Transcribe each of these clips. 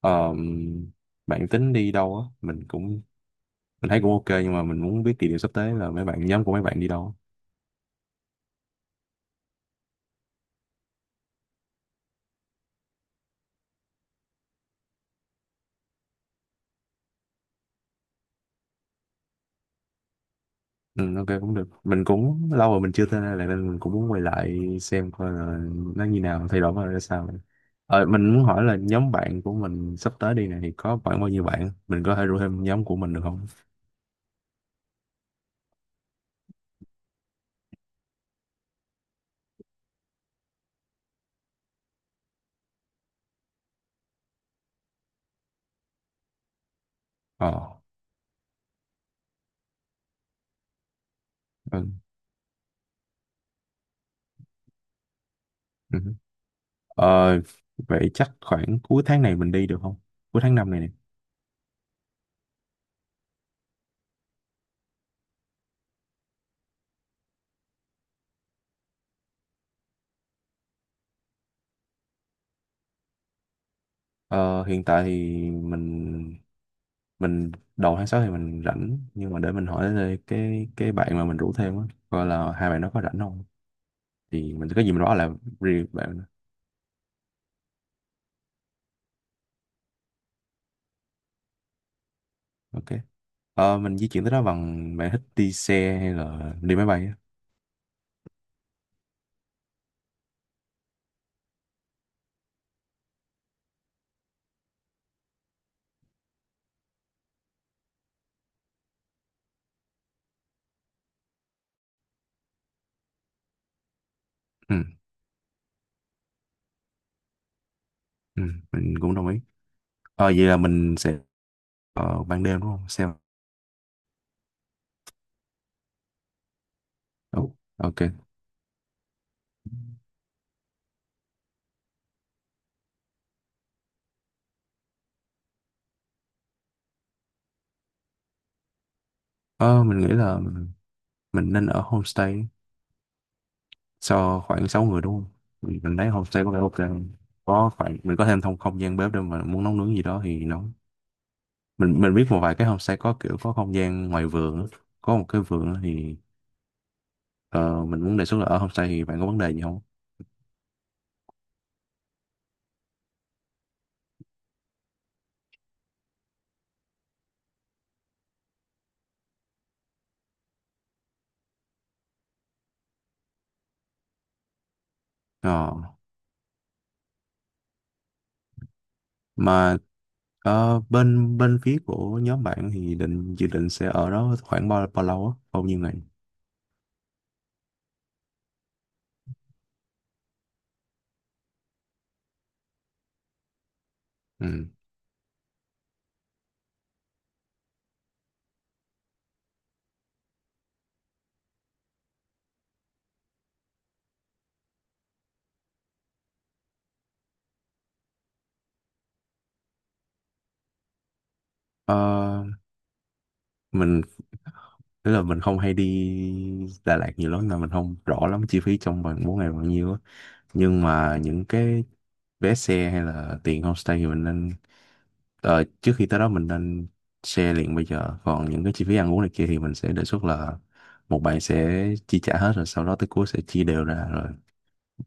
Ờ, bạn tính đi đâu á? Mình thấy cũng ok, nhưng mà mình muốn biết địa điểm sắp tới là mấy bạn, nhóm của mấy bạn đi đâu. Ừ, ok cũng được. Mình cũng lâu rồi mình chưa tới đây lại nên mình cũng muốn quay lại xem coi là nó như nào, thay đổi coi ra sao. Mình muốn hỏi là nhóm bạn của mình sắp tới đi này thì có khoảng bao nhiêu bạn? Mình có thể rủ thêm nhóm của mình được không? Ờ, ừ, ừ. Ờ, vậy chắc khoảng cuối tháng này mình đi được không? Cuối tháng năm này nè. Ờ, hiện tại thì mình đầu tháng 6 thì mình rảnh, nhưng mà để mình hỏi đây cái bạn mà mình rủ thêm á, coi là hai bạn nó có rảnh không, thì mình có gì mình nói là riêng bạn nữa. Ok, mình di chuyển tới đó bằng... bạn thích đi xe hay là đi máy bay á? Ừ, ừ, mình cũng đồng ý. Vậy là mình sẽ ở ban đêm đúng không, xe? Ồ, ok. Ờ, mình nghĩ là mình nên ở homestay cho khoảng 6 người đúng không? Mình thấy homestay có vẻ ok không? Có khoảng mình có thêm thông không gian bếp để mà muốn nấu nướng gì đó thì nấu. Mình biết một vài cái homestay có kiểu có không gian ngoài vườn á, có một cái vườn á, thì ờ, mình muốn đề xuất là ở homestay, thì bạn có vấn đề gì không? Ờ, mà ờ, bên bên phía của nhóm bạn thì định dự định sẽ ở đó khoảng bao bao lâu á, bao nhiêu ngày? Ừ. Ờ, mình tức là mình không hay đi Đà Lạt nhiều lắm nên mình không rõ lắm chi phí trong vòng 4 ngày bao nhiêu á, nhưng mà những cái vé xe hay là tiền homestay thì mình nên... Trước khi tới đó mình nên share liền bây giờ. Còn những cái chi phí ăn uống này kia thì mình sẽ đề xuất là một bạn sẽ chi trả hết rồi sau đó tới cuối sẽ chia đều ra rồi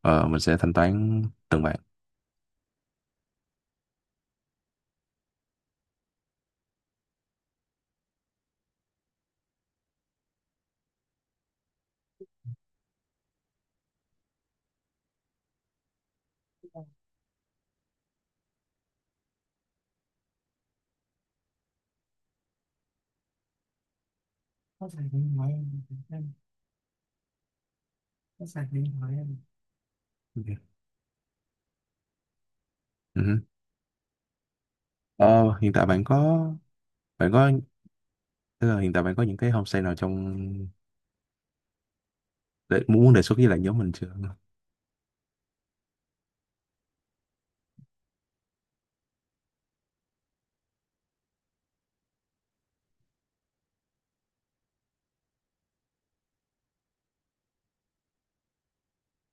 mình sẽ thanh toán từng bạn. Ok. Ừ. Ờ, hiện tại bạn có tức là hiện tại bạn có những cái homestay nào trong... để muốn đề xuất với lại nhóm mình chưa?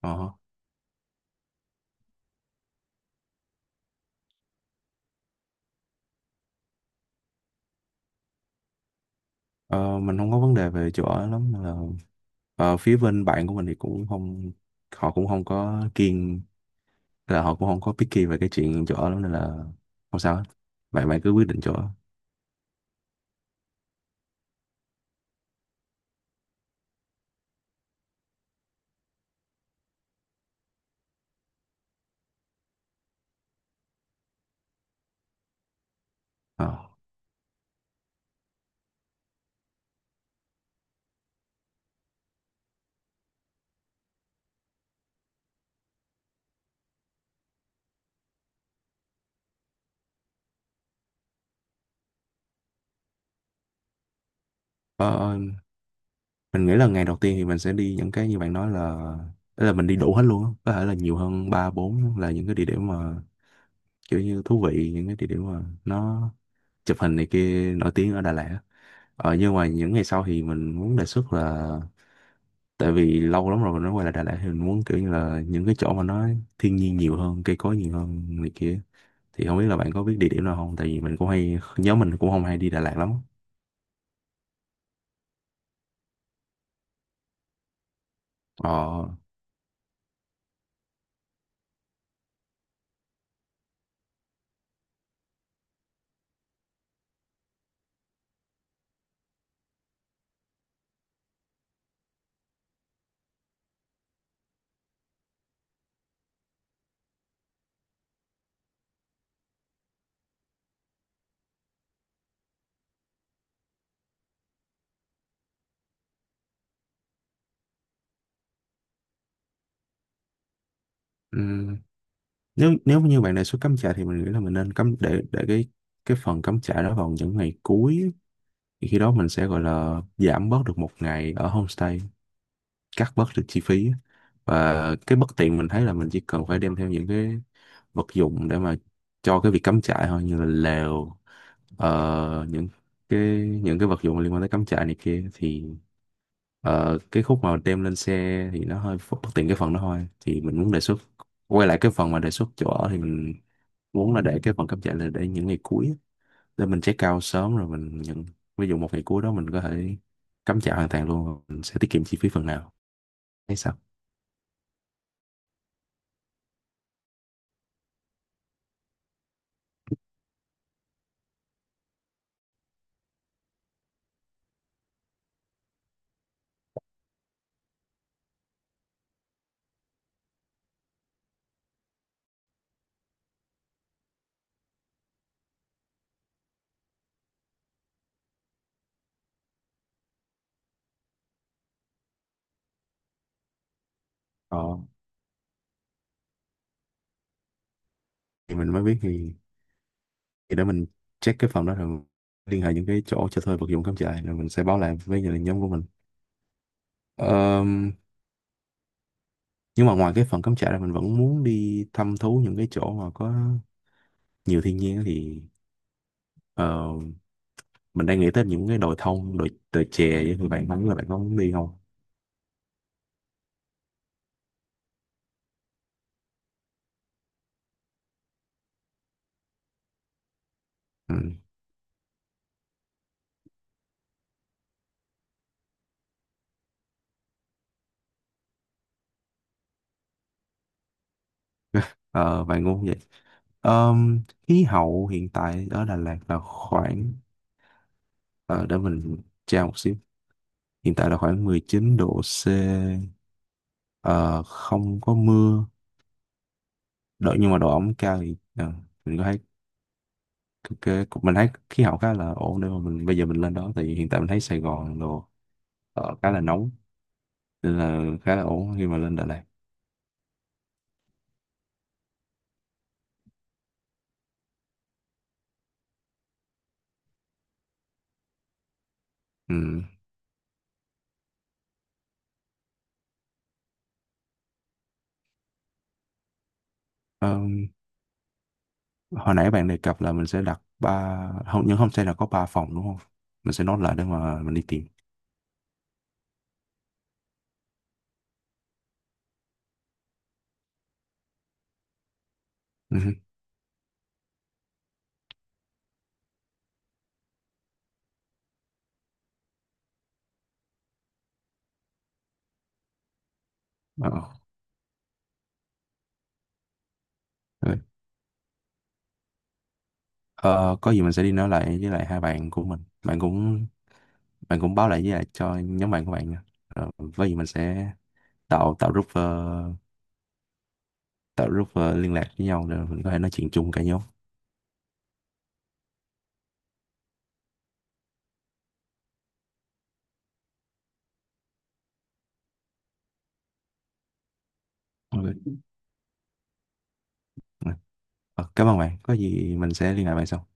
Ờ, ờ, mình không có vấn đề về chỗ ở lắm nên là phía bên bạn của mình thì cũng không... họ cũng không có kiêng. Nên là họ cũng không có picky về cái chuyện chỗ ở lắm nên là không sao hết. Bạn bạn cứ quyết định chỗ ở. Ờ. Ờ, ờ, mình nghĩ là ngày đầu tiên thì mình sẽ đi những cái như bạn nói là, tức là mình đi đủ hết luôn á, có thể là nhiều hơn ba bốn là những cái địa điểm mà kiểu như thú vị, những cái địa điểm mà nó chụp hình này kia nổi tiếng ở Đà Lạt á. Nhưng mà những ngày sau thì mình muốn đề xuất là tại vì lâu lắm rồi mình mới quay lại Đà Lạt, thì mình muốn kiểu như là những cái chỗ mà nó thiên nhiên nhiều hơn, cây cối nhiều hơn này kia, thì không biết là bạn có biết địa điểm nào không tại vì mình cũng hay... nhóm mình cũng không hay đi Đà Lạt lắm. Ờ. ừm, nếu nếu như bạn đề xuất cắm trại thì mình nghĩ là mình nên cắm... để cái phần cắm trại đó vào những ngày cuối thì khi đó mình sẽ gọi là giảm bớt được một ngày ở homestay, cắt bớt được chi phí. Và cái bất tiện mình thấy là mình chỉ cần phải đem theo những cái vật dụng để mà cho cái việc cắm trại thôi như là lều, những cái những cái vật dụng liên quan tới cắm trại này kia, thì cái khúc mà đem lên xe thì nó hơi bất tiện cái phần đó thôi. Thì mình muốn đề xuất quay lại cái phần mà đề xuất chỗ ở, thì mình muốn là để cái phần cắm trại là để những ngày cuối để mình check out sớm rồi mình nhận... ví dụ một ngày cuối đó mình có thể cắm trại hoàn toàn luôn, mình sẽ tiết kiệm chi phí phần nào hay sao. Ờ, thì mình mới biết thì để mình check cái phòng đó rồi liên hệ những cái chỗ cho thuê vật dụng cắm trại rồi mình sẽ báo lại với gia đình nhóm của mình. Ờm, nhưng mà ngoài cái phần cắm trại là mình vẫn muốn đi thăm thú những cái chỗ mà có nhiều thiên nhiên á, thì ờ, mình đang nghĩ tới những cái đồi thông, đồi đồi chè với, thì bạn... không biết là bạn có muốn đi không? Ừ. Ờ, bạn ngu vậy. Ờm, khí hậu hiện tại ở Đà Lạt là khoảng... ờ, để mình tra một xíu. Hiện tại là khoảng 19°C, ờ, không có mưa độ, nhưng mà độ ẩm cao. Thì mình có thấy cái, mình thấy khí hậu khá là ổn nếu mà mình bây giờ mình lên đó, thì hiện tại mình thấy Sài Gòn đồ ở khá là nóng nên là khá là ổn khi mà lên Đà Lạt. Ừ. Ờ, hồi nãy bạn đề cập là mình sẽ đặt ba... không, nhưng không, sẽ là có ba phòng đúng không, mình sẽ nốt lại để mà mình đi tìm. Ừ. Ờ, rồi. Ờ, có gì mình sẽ đi nói lại với lại hai bạn của mình. Bạn cũng báo lại với lại cho nhóm bạn của bạn nha. Ờ, có gì mình sẽ tạo tạo group ờ, liên lạc với nhau để mình có thể nói chuyện chung cả nhóm. Ok. Ờ, cảm ơn bạn. Có gì mình sẽ liên lạc bạn sau.